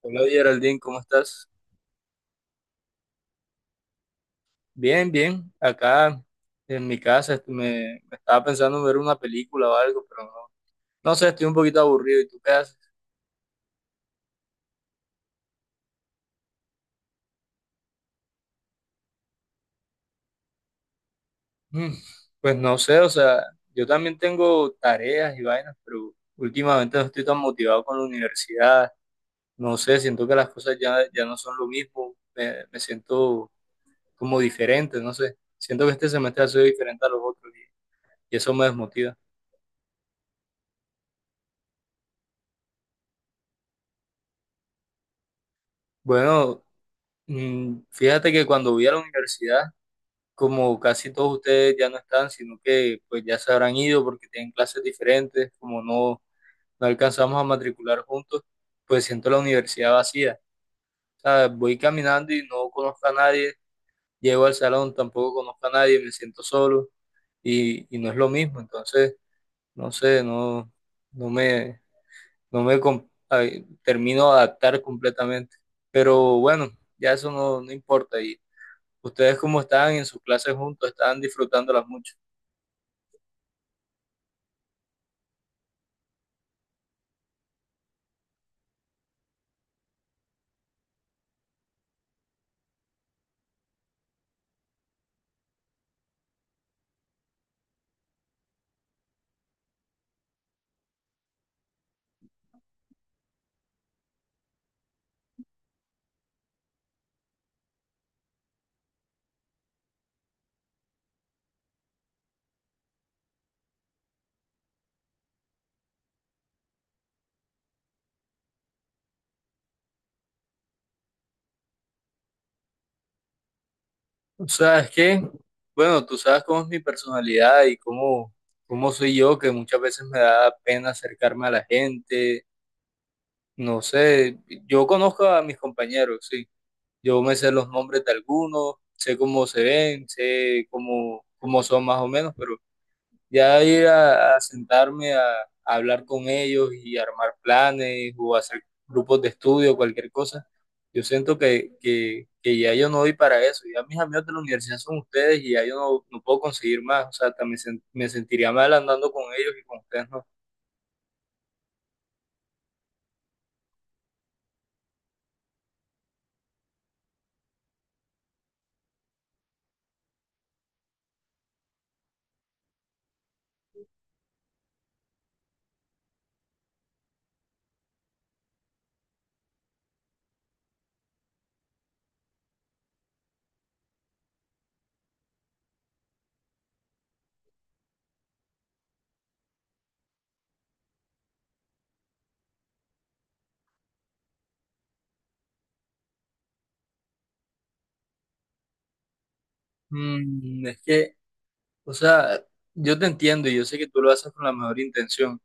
Hola Geraldine, ¿cómo estás? Bien, bien. Acá en mi casa me estaba pensando en ver una película o algo, pero no, no sé, estoy un poquito aburrido. ¿Y tú qué haces? Mm, Pues no sé, o sea, yo también tengo tareas y vainas, pero últimamente no estoy tan motivado con la universidad. No sé, siento que las cosas ya no son lo mismo. Me siento como diferente, no sé. Siento que este semestre ha sido diferente a los otros y eso me desmotiva. Bueno, fíjate que cuando voy a la universidad como casi todos ustedes ya no están, sino que pues ya se habrán ido porque tienen clases diferentes, como no alcanzamos a matricular juntos, pues siento la universidad vacía. O sea, voy caminando y no conozco a nadie, llego al salón, tampoco conozco a nadie, me siento solo y no es lo mismo. Entonces, no sé, no, no me, ay, termino de adaptar completamente. Pero bueno, ya eso no importa. ¿Y ustedes cómo están en sus clases juntos? ¿Están disfrutándolas mucho? ¿Sabes qué? Bueno, tú sabes cómo es mi personalidad y cómo soy yo, que muchas veces me da pena acercarme a la gente. No sé, yo conozco a mis compañeros, sí. Yo me sé los nombres de algunos, sé cómo se ven, sé cómo son más o menos, pero ya ir a sentarme a hablar con ellos y armar planes o hacer grupos de estudio, cualquier cosa. Yo siento que ya yo no doy para eso. Ya mis amigos de la universidad son ustedes y ya yo no, no puedo conseguir más. O sea, también me sentiría mal andando con ellos y con ustedes no. Es que, o sea, yo te entiendo y yo sé que tú lo haces con la mejor intención,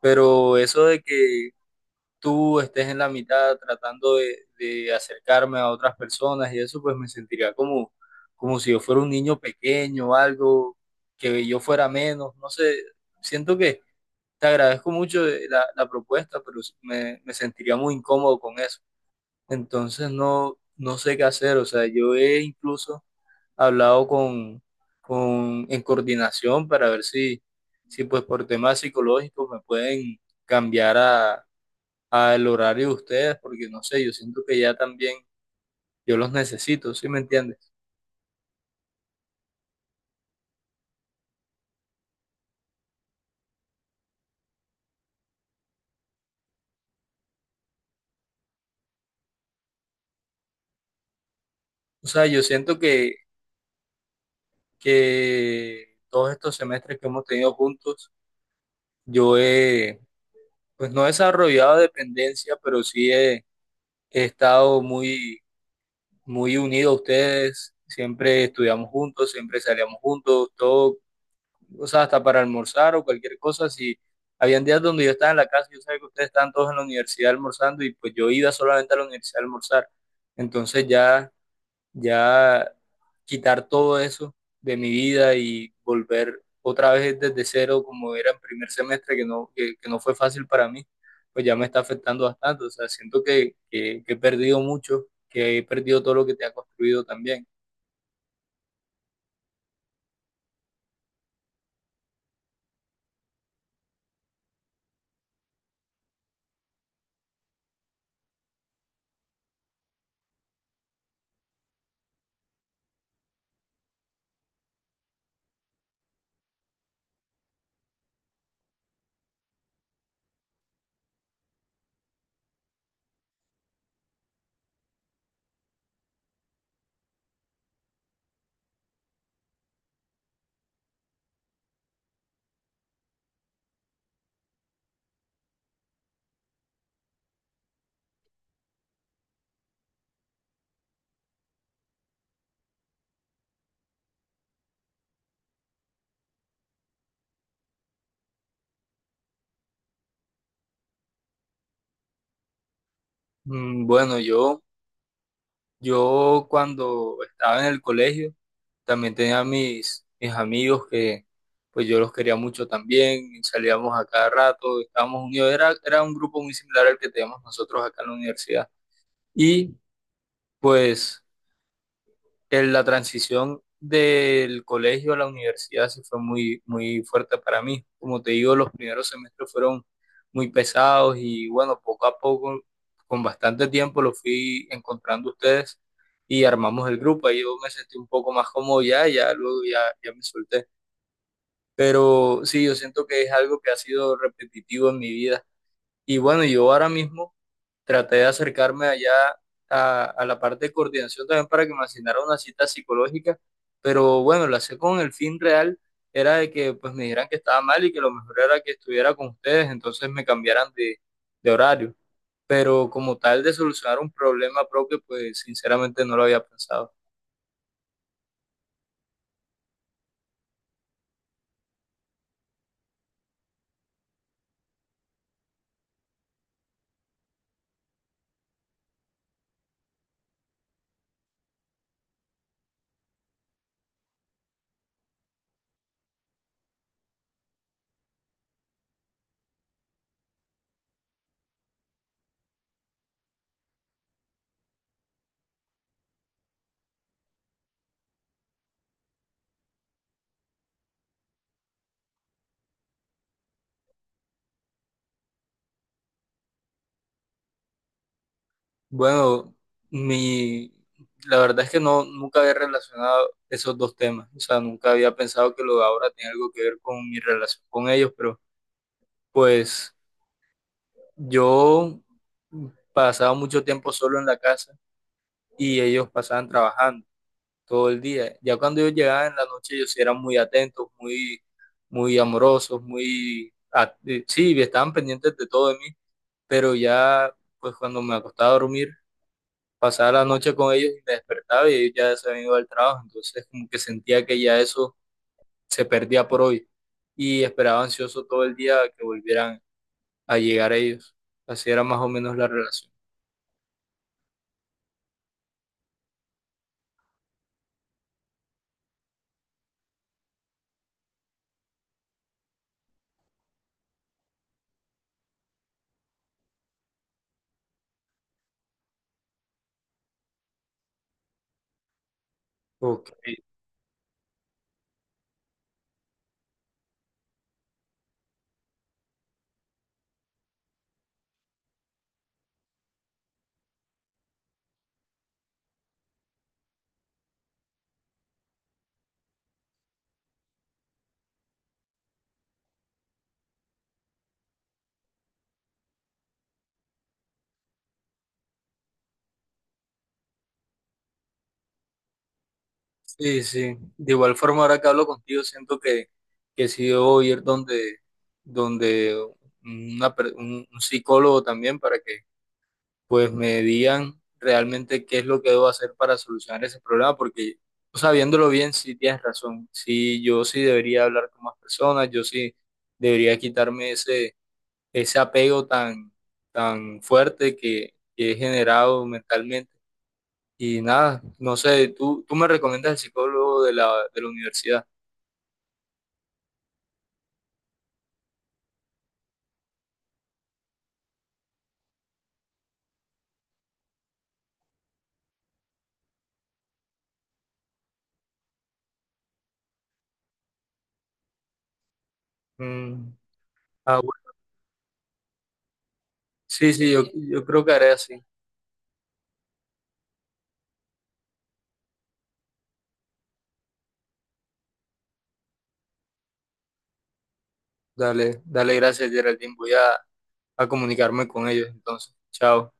pero eso de que tú estés en la mitad tratando de acercarme a otras personas y eso, pues me sentiría como, como si yo fuera un niño pequeño o algo, que yo fuera menos, no sé, siento que te agradezco mucho la propuesta, pero me sentiría muy incómodo con eso. Entonces no, no sé qué hacer, o sea, yo he incluso hablado en coordinación para ver si, si pues por temas psicológicos me pueden cambiar al horario de ustedes, porque no sé, yo siento que ya también yo los necesito, ¿sí me entiendes? O sea, yo siento que todos estos semestres que hemos tenido juntos, yo he, pues no he desarrollado dependencia, pero sí he, he estado muy unido a ustedes, siempre estudiamos juntos, siempre salíamos juntos, todo o sea, hasta para almorzar o cualquier cosa, si habían días donde yo estaba en la casa, yo sabía que ustedes estaban todos en la universidad almorzando y pues yo iba solamente a la universidad a almorzar. Entonces ya quitar todo eso de mi vida y volver otra vez desde cero como era en primer semestre, que no, que no fue fácil para mí, pues ya me está afectando bastante. O sea, siento que he perdido mucho, que he perdido todo lo que te ha construido también. Bueno, yo cuando estaba en el colegio también tenía mis amigos que pues yo los quería mucho también, y salíamos a cada rato, estábamos unidos, era un grupo muy similar al que teníamos nosotros acá en la universidad. Y pues en la transición del colegio a la universidad sí fue muy fuerte para mí. Como te digo, los primeros semestres fueron muy pesados y bueno, poco a poco, con bastante tiempo, lo fui encontrando ustedes y armamos el grupo. Ahí yo me sentí un poco más cómodo ya, ya luego ya me solté. Pero sí, yo siento que es algo que ha sido repetitivo en mi vida. Y bueno, yo ahora mismo traté de acercarme allá a la parte de coordinación también para que me asignara una cita psicológica, pero bueno, la sé con el fin real era de que pues me dijeran que estaba mal y que lo mejor era que estuviera con ustedes, entonces me cambiaran de horario. Pero como tal de solucionar un problema propio, pues sinceramente no lo había pensado. Bueno, mi, la verdad es que no, nunca había relacionado esos dos temas, o sea, nunca había pensado que lo de ahora tiene algo que ver con mi relación con ellos, pero pues yo pasaba mucho tiempo solo en la casa y ellos pasaban trabajando todo el día. Ya cuando ellos llegaban en la noche, ellos sí eran muy atentos, muy amorosos, sí, estaban pendientes de todo de mí, pero ya, pues cuando me acostaba a dormir, pasaba la noche con ellos y me despertaba y ellos ya se habían ido al trabajo. Entonces, como que sentía que ya eso se perdía por hoy y esperaba ansioso todo el día que volvieran a llegar ellos. Así era más o menos la relación. Ok. Sí, sí. De igual forma, ahora que hablo contigo, siento que sí debo ir donde un psicólogo también para que pues me digan realmente qué es lo que debo hacer para solucionar ese problema, porque o sea, viéndolo bien, sí tienes razón. Sí, yo sí debería hablar con más personas, yo sí debería quitarme ese apego tan fuerte que he generado mentalmente y nada, no sé, tú me recomiendas el psicólogo de de la universidad. Mm, ah, bueno. Sí, sí, yo creo que haré así. Dale, dale gracias, Geraldine. Voy a comunicarme con ellos entonces. Chao.